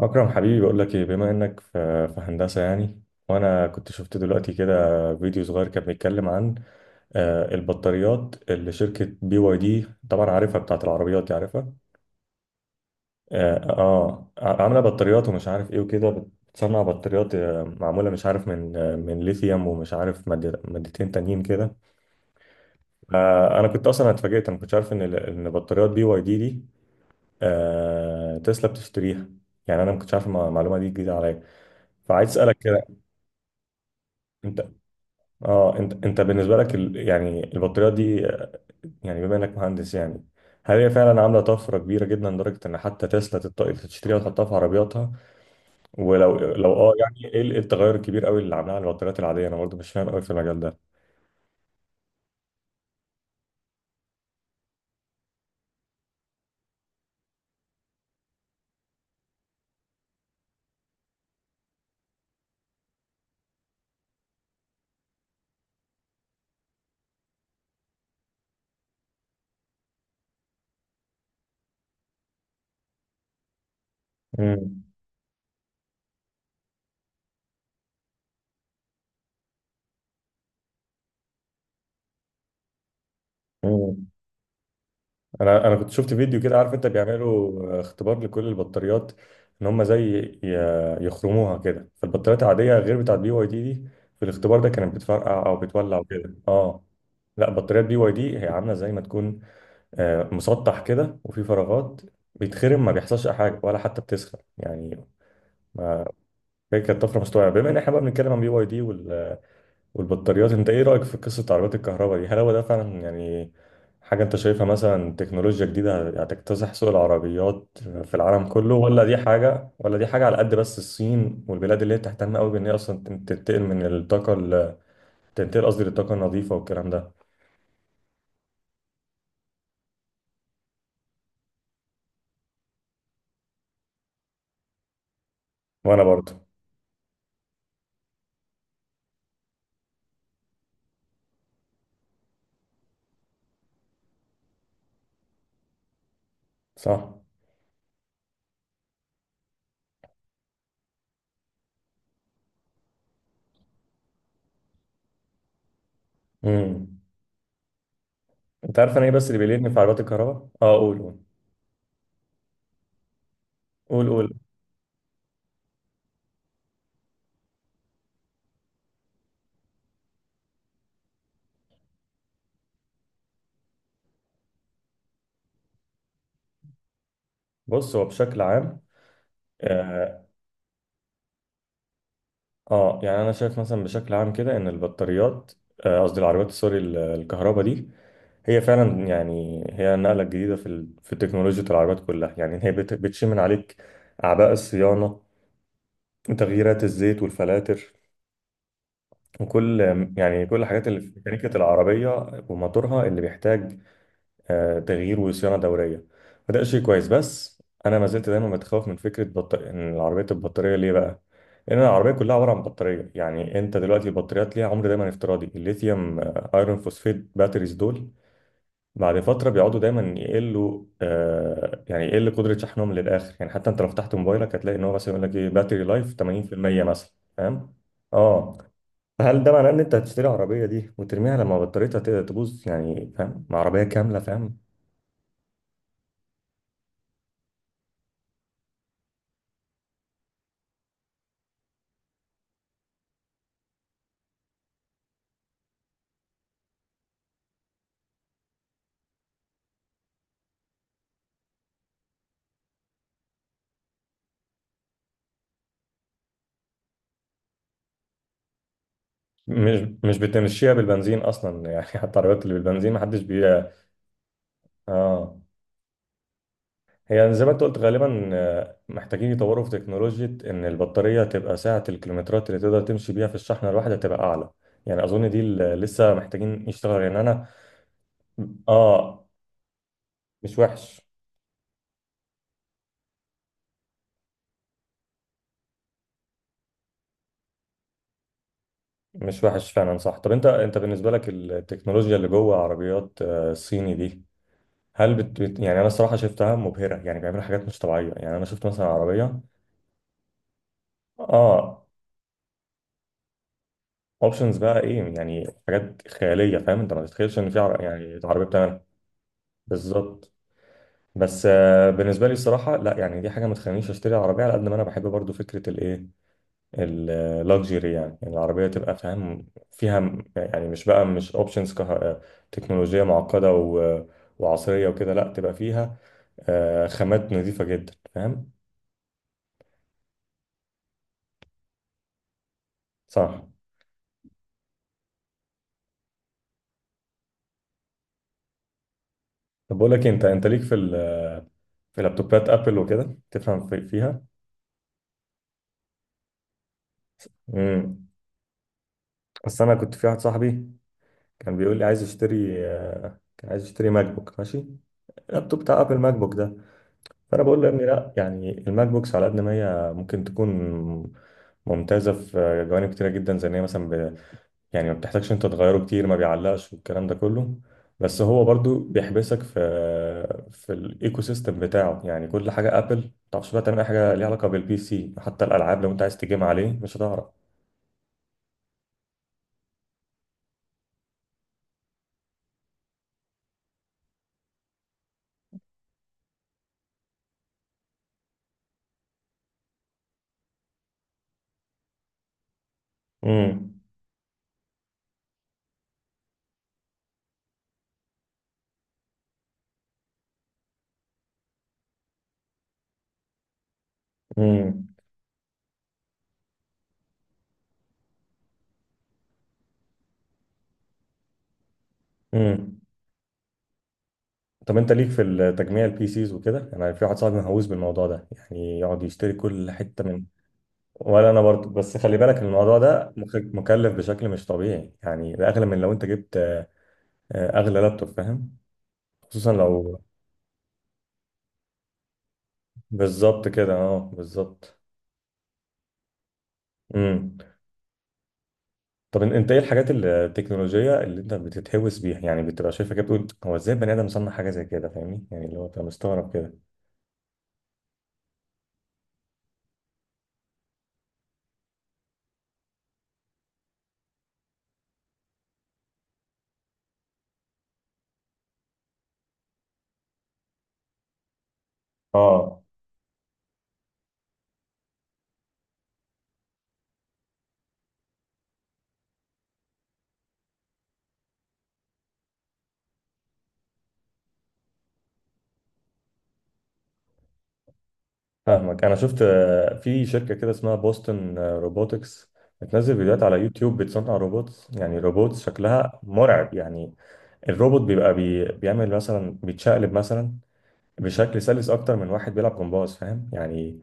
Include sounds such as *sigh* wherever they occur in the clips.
أكرم حبيبي، بقول لك إيه، بما إنك في هندسة يعني. وأنا كنت شفت دلوقتي كده فيديو صغير كان بيتكلم عن البطاريات اللي شركة بي واي دي، طبعا عارفها بتاعت العربيات دي، عارفها. آه, آه عاملة بطاريات ومش عارف إيه وكده، بتصنع بطاريات معمولة مش عارف من من ليثيوم ومش عارف مادتين تانيين كده. أنا كنت أصلا اتفاجئت، أنا ما كنتش عارف إن إن بطاريات بي واي دي دي تسلا بتشتريها. يعني أنا ما كنتش عارف، المعلومة دي جديدة عليا. فعايز أسألك كده، انت. اه انت بالنسبه لك يعني البطاريات دي يعني بما انك مهندس يعني، هل هي فعلا عامله طفره كبيره جدا لدرجه ان حتى تسلا تشتريها وتحطها في عربياتها؟ ولو لو يعني ايه إيه التغير الكبير قوي اللي عاملها على البطاريات العاديه؟ انا برضه مش فاهم قوي في المجال ده. امم انا كنت شفت فيديو كده، عارف انت، بيعملوا اختبار لكل البطاريات، ان هم زي يخرموها كده، فالبطاريات العاديه غير بتاعت بي واي دي دي، في الاختبار ده كانت بتفرقع او بتولع وكده. اه لا، بطاريات بي واي دي هي عامله زي ما تكون مسطح كده وفي فراغات، بيتخرم ما بيحصلش أي حاجه ولا حتى بتسخن يعني. ما هي كانت طفره. مستوعبه؟ بما ان احنا بقى بنتكلم عن بي واي دي والبطاريات، انت ايه رأيك في قصة عربيات الكهرباء دي؟ هل هو ده فعلا يعني حاجة انت شايفها مثلا تكنولوجيا جديدة هتكتسح سوق العربيات في العالم كله، ولا دي حاجة، ولا دي حاجة على قد بس الصين والبلاد اللي هي بتهتم قوي بان هي اصلا تنتقل من الطاقة تنتقل قصدي للطاقة النظيفة والكلام ده؟ وانا برضو. صح. امم انت عارف انا ايه بس اللي بيليني في عربيات الكهرباء؟ اه، قول قول. قول قول. بص، هو بشكل عام آه، اه يعني انا شايف مثلا بشكل عام كده ان البطاريات، قصدي العربيات، سوري، الكهرباء دي، هي فعلا يعني هي النقله الجديده في في تكنولوجيا العربيات كلها. يعني هي بتشيل من عليك اعباء الصيانه وتغييرات الزيت والفلاتر، وكل يعني كل الحاجات اللي في ميكانيكا العربيه، وموتورها اللي بيحتاج تغيير وصيانه دوريه. وده شيء كويس. بس انا ما زلت دايما متخوف من فكره ان العربيه تبقى بطاريه. ليه بقى؟ لان العربيه كلها عباره عن بطاريه. يعني انت دلوقتي البطاريات ليها عمر دايما افتراضي، الليثيوم ايرون فوسفيت باتريز دول بعد فتره بيقعدوا دايما يقلوا. يعني يقل قدره شحنهم للاخر يعني. حتى انت لو فتحت موبايلك هتلاقي ان هو مثلا يقول لك ايه، باتري لايف 80% مثلا. فاهم؟ اه. هل ده معناه ان انت هتشتري عربيه دي وترميها لما بطاريتها تبوظ يعني، فاهم، عربيه كامله، فاهم؟ مش بتمشيها بالبنزين اصلا يعني. *laughs* حتى العربيات اللي بالبنزين ما حدش بي. اه، هي زي ما انت قلت غالبا محتاجين يطوروا في تكنولوجيا ان البطاريه تبقى سعه الكيلومترات اللي تقدر تمشي بيها في الشحنه الواحده تبقى اعلى. يعني اظن دي اللي لسه محتاجين يشتغلوا يعني، انا. اه. مش وحش. مش وحش فعلا، صح. طب انت بالنسبه لك التكنولوجيا اللي جوه عربيات الصيني دي، هل يعني انا الصراحه شفتها مبهره يعني، بيعملوا حاجات مش طبيعيه يعني. انا شفت مثلا عربيه، اه، اوبشنز بقى ايه يعني، حاجات خياليه، فاهم؟ انت ما تتخيلش ان في يعني عربيه بتعملها. بالظبط. بس بالنسبه لي الصراحه لا، يعني دي حاجه ما تخلينيش اشتري عربيه على قد ما انا بحب برضو فكره الايه، اللوكجري يعني. يعني العربيه تبقى فاهم فيها يعني مش بقى، مش اوبشنز كه... آه، تكنولوجيه معقده و... وعصريه وكده. لا، تبقى فيها خامات نظيفه جدا، فاهم. صح. طب بقول لك إيه، انت ليك في في لابتوبات ابل وكده؟ تفهم فيها؟ امم بس انا كنت في واحد صاحبي كان بيقول لي عايز يشتري آه، كان عايز يشتري ماك بوك، ماشي، اللابتوب بتاع ابل، ماك بوك ده. فانا بقول له يا ابني لا، يعني الماك بوكس على قد ما هي ممكن تكون ممتازه في جوانب كتيره جدا، زي ان هي مثلا يعني ما بتحتاجش انت تغيره كتير، ما بيعلقش، والكلام ده كله، بس هو برضو بيحبسك في الايكو سيستم بتاعه. يعني كل حاجه ابل، ما تعرفش بقى تعمل اي حاجه ليها علاقه بالبي سي، حتى الالعاب لو انت عايز تجيم عليه مش هتعرف. امم. امم. امم. طب انت ليك في التجميع، البي سيز وكده؟ انا في واحد صاحبي مهووس بالموضوع ده يعني، يقعد يشتري كل حته من. ولا انا برضه، بس خلي بالك ان الموضوع ده مكلف بشكل مش طبيعي يعني، ده اغلى من لو انت جبت اغلى لابتوب، فاهم؟ خصوصا لو. بالظبط كده، اه، بالظبط. امم طب انت ايه الحاجات التكنولوجيه اللي انت بتتهوس بيها يعني، بتبقى شايفها كده بتقول هو ازاي بني ادم صنع حاجه زي كده؟ فاهمني يعني، اللي هو انت مستغرب كده. اه فاهمك. انا شفت في شركه كده اسمها بوستون روبوتكس، بتنزل فيديوهات على يوتيوب، بتصنع روبوتس. يعني روبوتس شكلها مرعب يعني. الروبوت بيبقى بيعمل مثلا بيتشقلب مثلا بشكل سلس اكتر من واحد بيلعب جمباز، فاهم يعني؟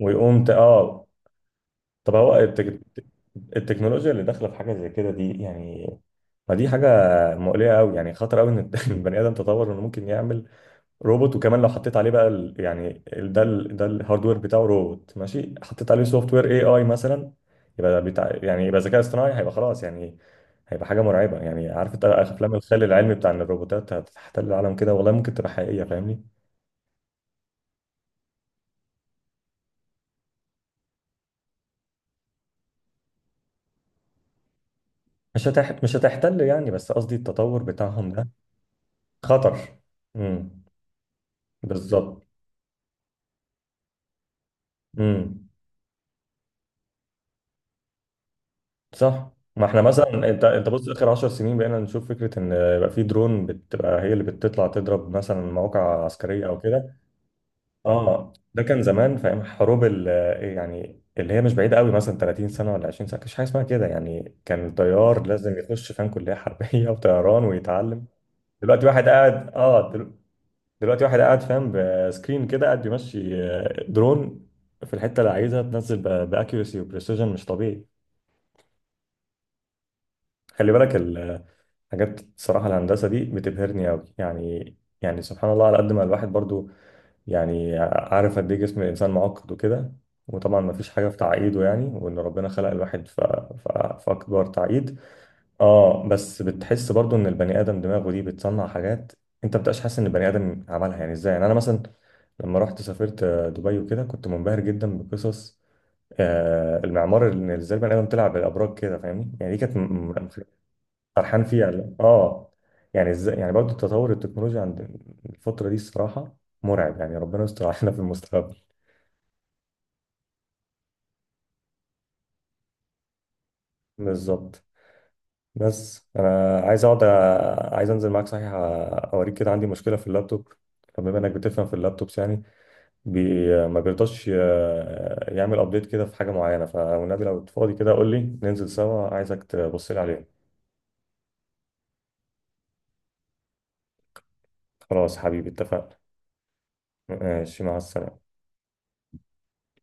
ويقوم ت... اه طب هو التكنولوجيا اللي داخله في حاجه زي كده دي يعني، ما دي حاجه مقلقه قوي يعني، خطر قوي ان *laughs* البني ادم تطور انه ممكن يعمل روبوت. وكمان لو حطيت عليه بقى ده الهاردوير بتاعه، روبوت ماشي، حطيت عليه سوفت وير اي مثلا، يبقى بتاع، يعني يبقى ذكاء اصطناعي، هيبقى خلاص يعني، هيبقى حاجه مرعبه يعني. عارف انت افلام الخيال العلمي بتاع ان الروبوتات هتحتل العالم كده؟ والله ممكن تبقى حقيقيه، فاهمني؟ مش هتحتل يعني، بس قصدي التطور بتاعهم ده خطر. امم. بالظبط. امم. صح. ما احنا مثلا، انت بص، اخر 10 سنين بقينا نشوف فكره ان يبقى في درون بتبقى هي اللي بتطلع تضرب مثلا مواقع عسكريه او كده. اه. ده كان زمان في ايام حروب ال يعني اللي هي مش بعيده قوي، مثلا 30 سنه ولا 20 سنه كانش حاجه اسمها كده يعني. كان طيار لازم يخش فاهم، كليه حربيه *laughs* وطيران ويتعلم. دلوقتي واحد قاعد اه دل- دلوقتي واحد قاعد فاهم بسكرين كده، قاعد بيمشي درون في الحته اللي عايزها تنزل، باكيوسي وبريسيجن مش طبيعي. خلي بالك الحاجات، الصراحه الهندسه دي بتبهرني قوي يعني سبحان الله، على قد ما الواحد برضو يعني عارف قد ايه جسم الانسان معقد وكده، وطبعا ما فيش حاجه في تعقيده يعني، وان ربنا خلق الواحد في اكبر تعقيد، اه، بس بتحس برضو ان البني ادم دماغه دي بتصنع حاجات انت بتبقاش حاسس ان البني ادم عملها، يعني ازاي يعني. انا مثلا لما رحت سافرت دبي وكده كنت منبهر جدا بقصص المعمار، اللي ازاي البني ادم طلع بالابراج كده، فاهمني يعني؟ دي كانت م- فرحان فيه على يعني ازاي يعني برضه تطور التكنولوجيا عند الفترة دي، الصراحة مرعب يعني. ربنا يستر علينا في المستقبل. بالظبط. بس انا عايز اقعد عايز انزل معاك صحيح، اوريك كده عندي مشكله في اللابتوب، فبما انك بتفهم في اللابتوبس يعني، بي ما بيرضاش يعمل ابديت كده في حاجه معينه، فالنبي لو فاضي كده قول لي ننزل سوا، عايزك تبص لي عليه. خلاص حبيبي، اتفقنا. ماشي، مع السلامه.